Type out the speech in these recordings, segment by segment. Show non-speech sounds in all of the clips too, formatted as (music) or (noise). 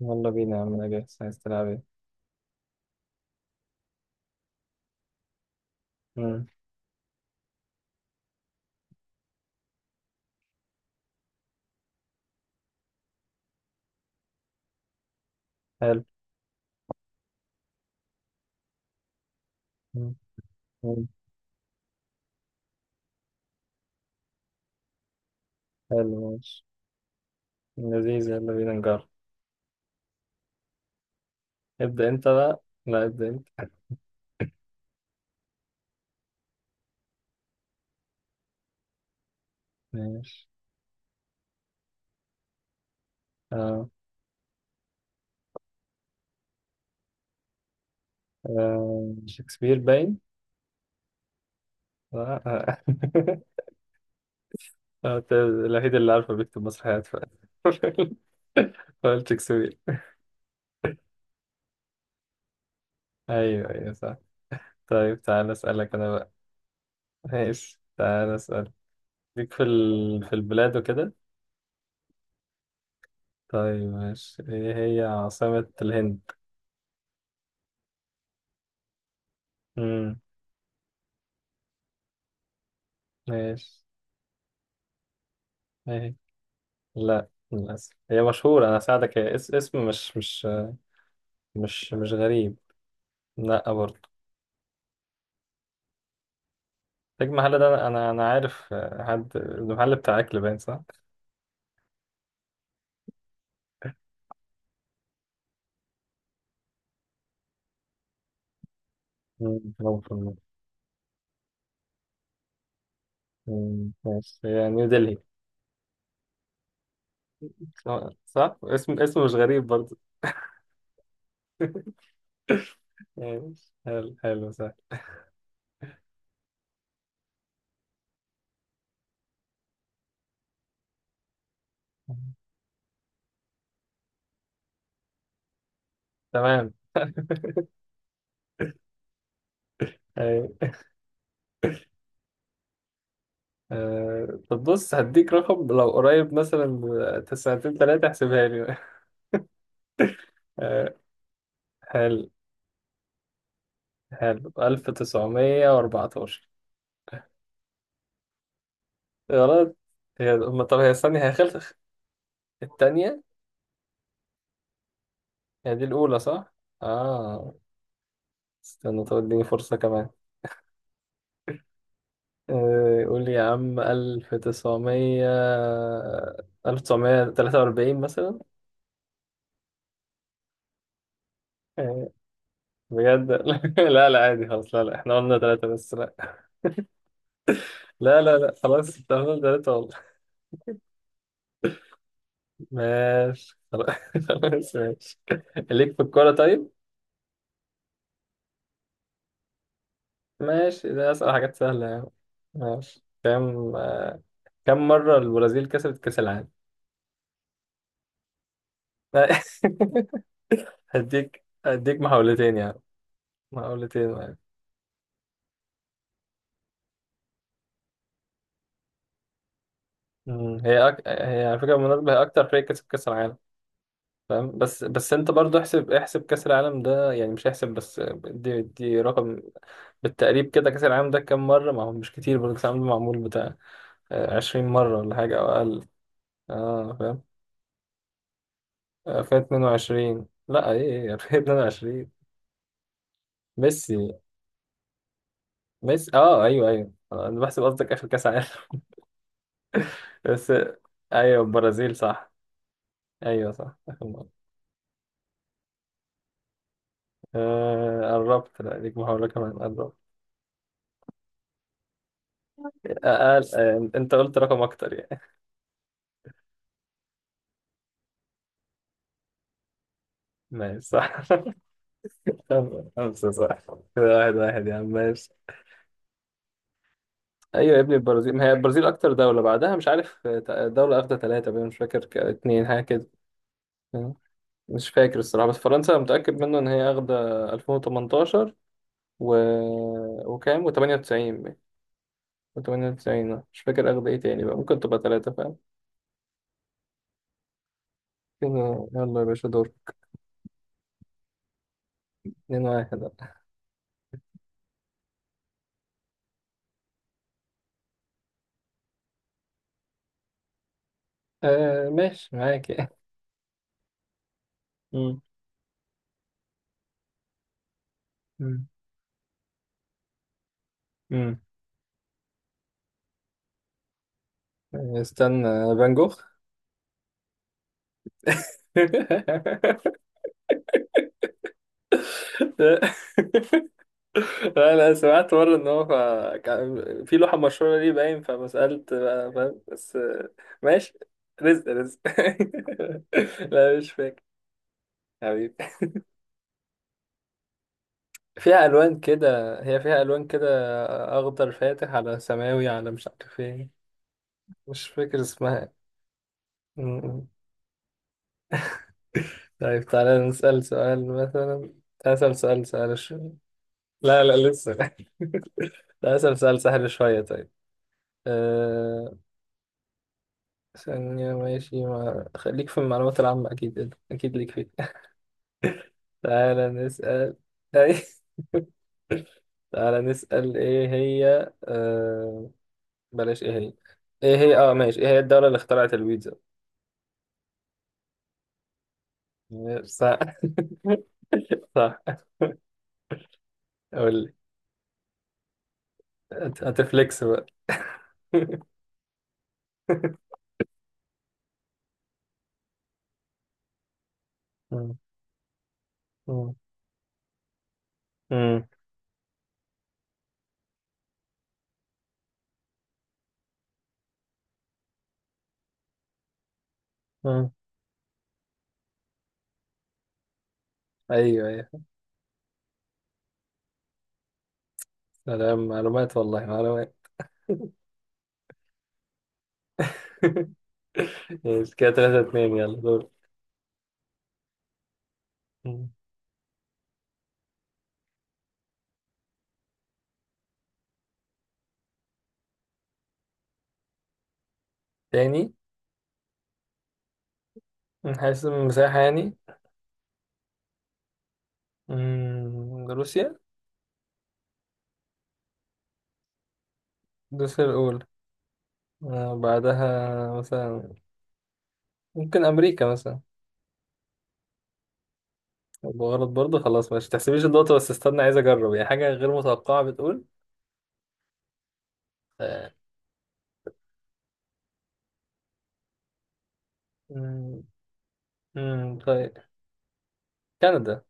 يلا بينا يا عم، انا جاهز، عايز تلعب ايه؟ مم. حلو. مم. مم. حلو، ماشي. لذيذ، يلا بينا نجرب. ابدأ انت بقى، لا ابدأ انت. ماشي آه. آه. شكسبير باين. لا آه. (laughs) أنت الوحيد اللي عارفه بيكتب مسرحيات ف (laughs) فقلت شكسبير. ايوه، ايوه، صح. طيب تعالى اسألك انا بقى. ماشي، تعالى اسأل. ليك في البلاد وكده. طيب ماشي، ايه هي عاصمة الهند؟ مم. ماشي، ايه؟ لا، للأسف هي مشهورة، أنا أساعدك، هي اسم مش غريب. لا برضه. تاج محل ده، أنا عارف حد المحل بتاع أكل باين صح؟ مم، ممكن. مم، ماشي، هي نيو دلهي. صح؟ صح؟ اسم مش غريب برضه. (laughs) ماشي. حلو حلو، صح. تمام. (laughs) أيوة. طب بص، هديك رقم لو قريب مثلا، سنتين تلاتة احسبها لي. (laughs) آه، حلو، حلو 1914. غلط. هي هم طب هي استني، هي خلص. التانية. هي دي الأولى صح؟ آه. استنى، طب اديني فرصة كمان. قول لي يا عم، ألف تسعمية، 1943 مثلا. آه، بجد. (laughs) لا لا عادي خلاص، لا لا احنا قلنا تلاتة بس، لا. لا لا لا خلاص، انت قلنا تلاتة والله. ماشي خلاص (laughs) خلاص، ماشي. ليك في الكورة طيب؟ ماشي، ده أسأل حاجات سهلة يعني. ماشي كام آه، كم مرة البرازيل كسبت كأس العالم؟ لا. (laughs) هديك محاولتين يعني، محاولتين يعني. مم. هي على فكرة، بالمناسبة هي أكتر فريق كسب كأس العالم. فاهم، بس أنت برضو احسب كأس العالم ده يعني، مش احسب بس دي رقم، بالتقريب كده، كأس العالم ده كام مرة؟ ما هو مش كتير برضو، كأس العالم ده معمول بتاع 20 مرة ولا حاجة أو أقل. أه فاهم. 2022، لا إيه 2022. ميسي. ميسي، أه أيوه، أيوه، أنا بحسب قصدك آخر كأس عالم. (laughs) بس. أيوه البرازيل صح. ايوه صح، اخر مره. آه قربت، لا ليك محاوله كمان، قربت. اقل، آه انت قلت رقم اكتر يعني. ماشي صح. (laughs) خمسه صح. كده 1-1 يا عم، ماشي. ايوه يا ابني، البرازيل، ما هي البرازيل اكتر دوله، بعدها مش عارف دوله اخده ثلاثه بقى، مش فاكر، اتنين حاجه كده. مش فاكر الصراحه، بس فرنسا متاكد منه ان هي اخده 2018، و وكام و98، و98، مش فاكر اخده ايه تاني بقى، ممكن تبقى ثلاثه فاهم. كده يلا يا باشا، دور. 2-1. آه ماشي، معاك. مم. (laughs) مم. مم. استنى. فان جوخ. (laughs) لا لا، سمعت مرة ان هو كان في لوحة مشهورة ليه باين، فما سألت بقى فاهم بس ماشي. رزق رزق. (laughs) لا مش فاكر. حبيبي. فيها ألوان كده، هي فيها ألوان كده، أخضر فاتح على سماوي على مش عارف ايه. مش فاكر اسمها. م- م. طيب تعالى نسأل سؤال مثلا. أسأل سؤال. لا لا لسه، (laughs) ده أسأل سؤال سهل شوية طيب. أه... ثانية ماشي، ما... خليك في المعلومات العامة، أكيد أكيد ليك فيه. (laughs) تعالى نسأل. أي تعالى نسأل، إيه هي بلاش، إيه هي، إيه هي ماشي، إيه هي الدولة اللي اخترعت البيتزا؟ صح. (laughs) صح. قول لي. هتفليكس بقى. (laughs) مم. مم. مم. مم. أيوه، أيوه، سلام معلومات والله، معلومات. (laughs) ماشي كده 3-2، يلا دور. تاني؟ من حيث المساحة يعني. مم، روسيا. روسيا الأولى. بعدها مثلا، ممكن أمريكا مثلا. يبقى غلط برضه، خلاص ماشي، تحسبيش النقطة بس استنى، عايز أجرب يعني حاجة غير متوقعة بتقول. آه، مم، طيب. كندا.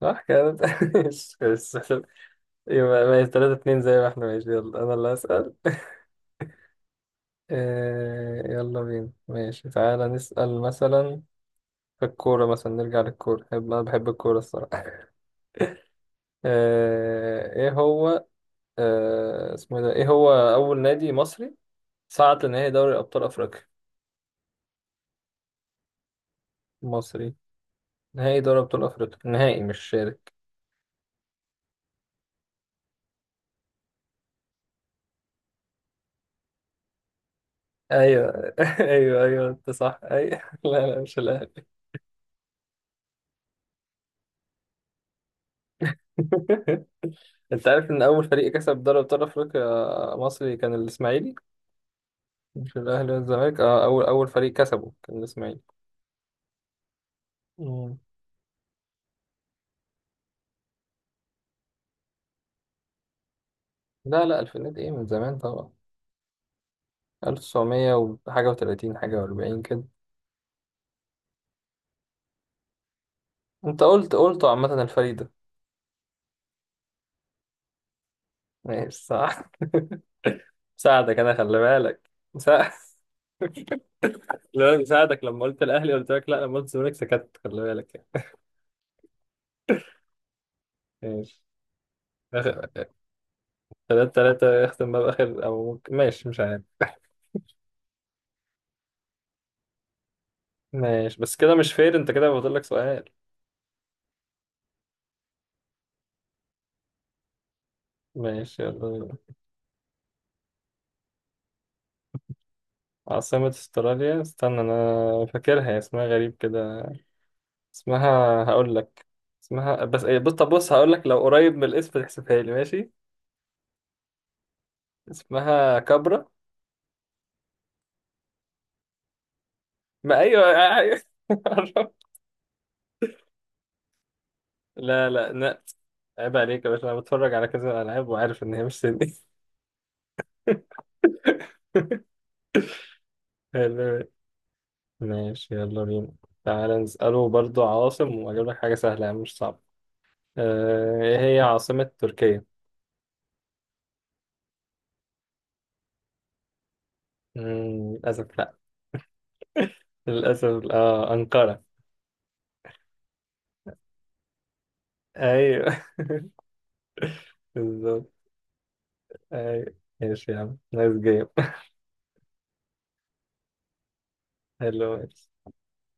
صح، كندا. (laughs) ماشي، يبقى ماشي 3-2 زي ما احنا ماشي، يلا أنا اللي هسأل. يلا بينا ماشي، تعالى نسأل مثلا في الكورة مثلا، نرجع للكورة، أنا بحب الكورة الصراحة. ايه هو، اسمه إيه ده، ايه هو اول نادي مصري صعد لنهائي دوري ابطال افريقيا؟ مصري، نهائي دوري ابطال افريقيا، نهائي مش شارك. ايوه (laughs) ايوه، ايوه، انت صح، ايوه (laughs) لا لا مش الاهلي. (laughs) انت عارف ان اول فريق كسب دوري ابطال افريقيا مصري كان الاسماعيلي؟ مش الاهلي والزمالك، اه اول فريق كسبه كان الاسماعيلي. مم. لا لا الفينات ايه، من زمان طبعا. 1900 وحاجة و30 حاجة و40 كده. انت قلت عامة الفريق ده. ماشي صح. ساعدك انا، خلي بالك. سا- (laughs) خلي بالك ساعدك، لما قلت الاهلي قلت لك لا، لما قلت الزمالك سكت، خلي بالك يعني. ماشي. آخر، 3-3، يختم بقى بآخر أو ممكن، ماشي مش عارف. ماشي بس كده مش فير، أنت كده فاضل لك سؤال. ماشي يلا بينا. عاصمة أستراليا، استنى أنا فاكرها، هي اسمها غريب كده، اسمها هقول لك. اسمها بس إيه، بص طب بص، هقول لك لو قريب من الاسم تحسبها لي ماشي. اسمها كابرا. ما أيوه. أيوه. (laughs) لا لا لا. عيب عليك يا باشا، انا بتفرج على كذا العاب وعارف ان هي مش سني. (laughs) حلو. ماشي يلا بينا. تعالى نسأله برضو عواصم، وأجيب لك حاجة سهلة يعني مش صعبة. إيه هي عاصمة تركيا؟ مم، للأسف لأ. للأسف. آه أنقرة. أيوه. (laughs) بالظبط. أيوه ماشي يا عم، نايس جيم. حلو.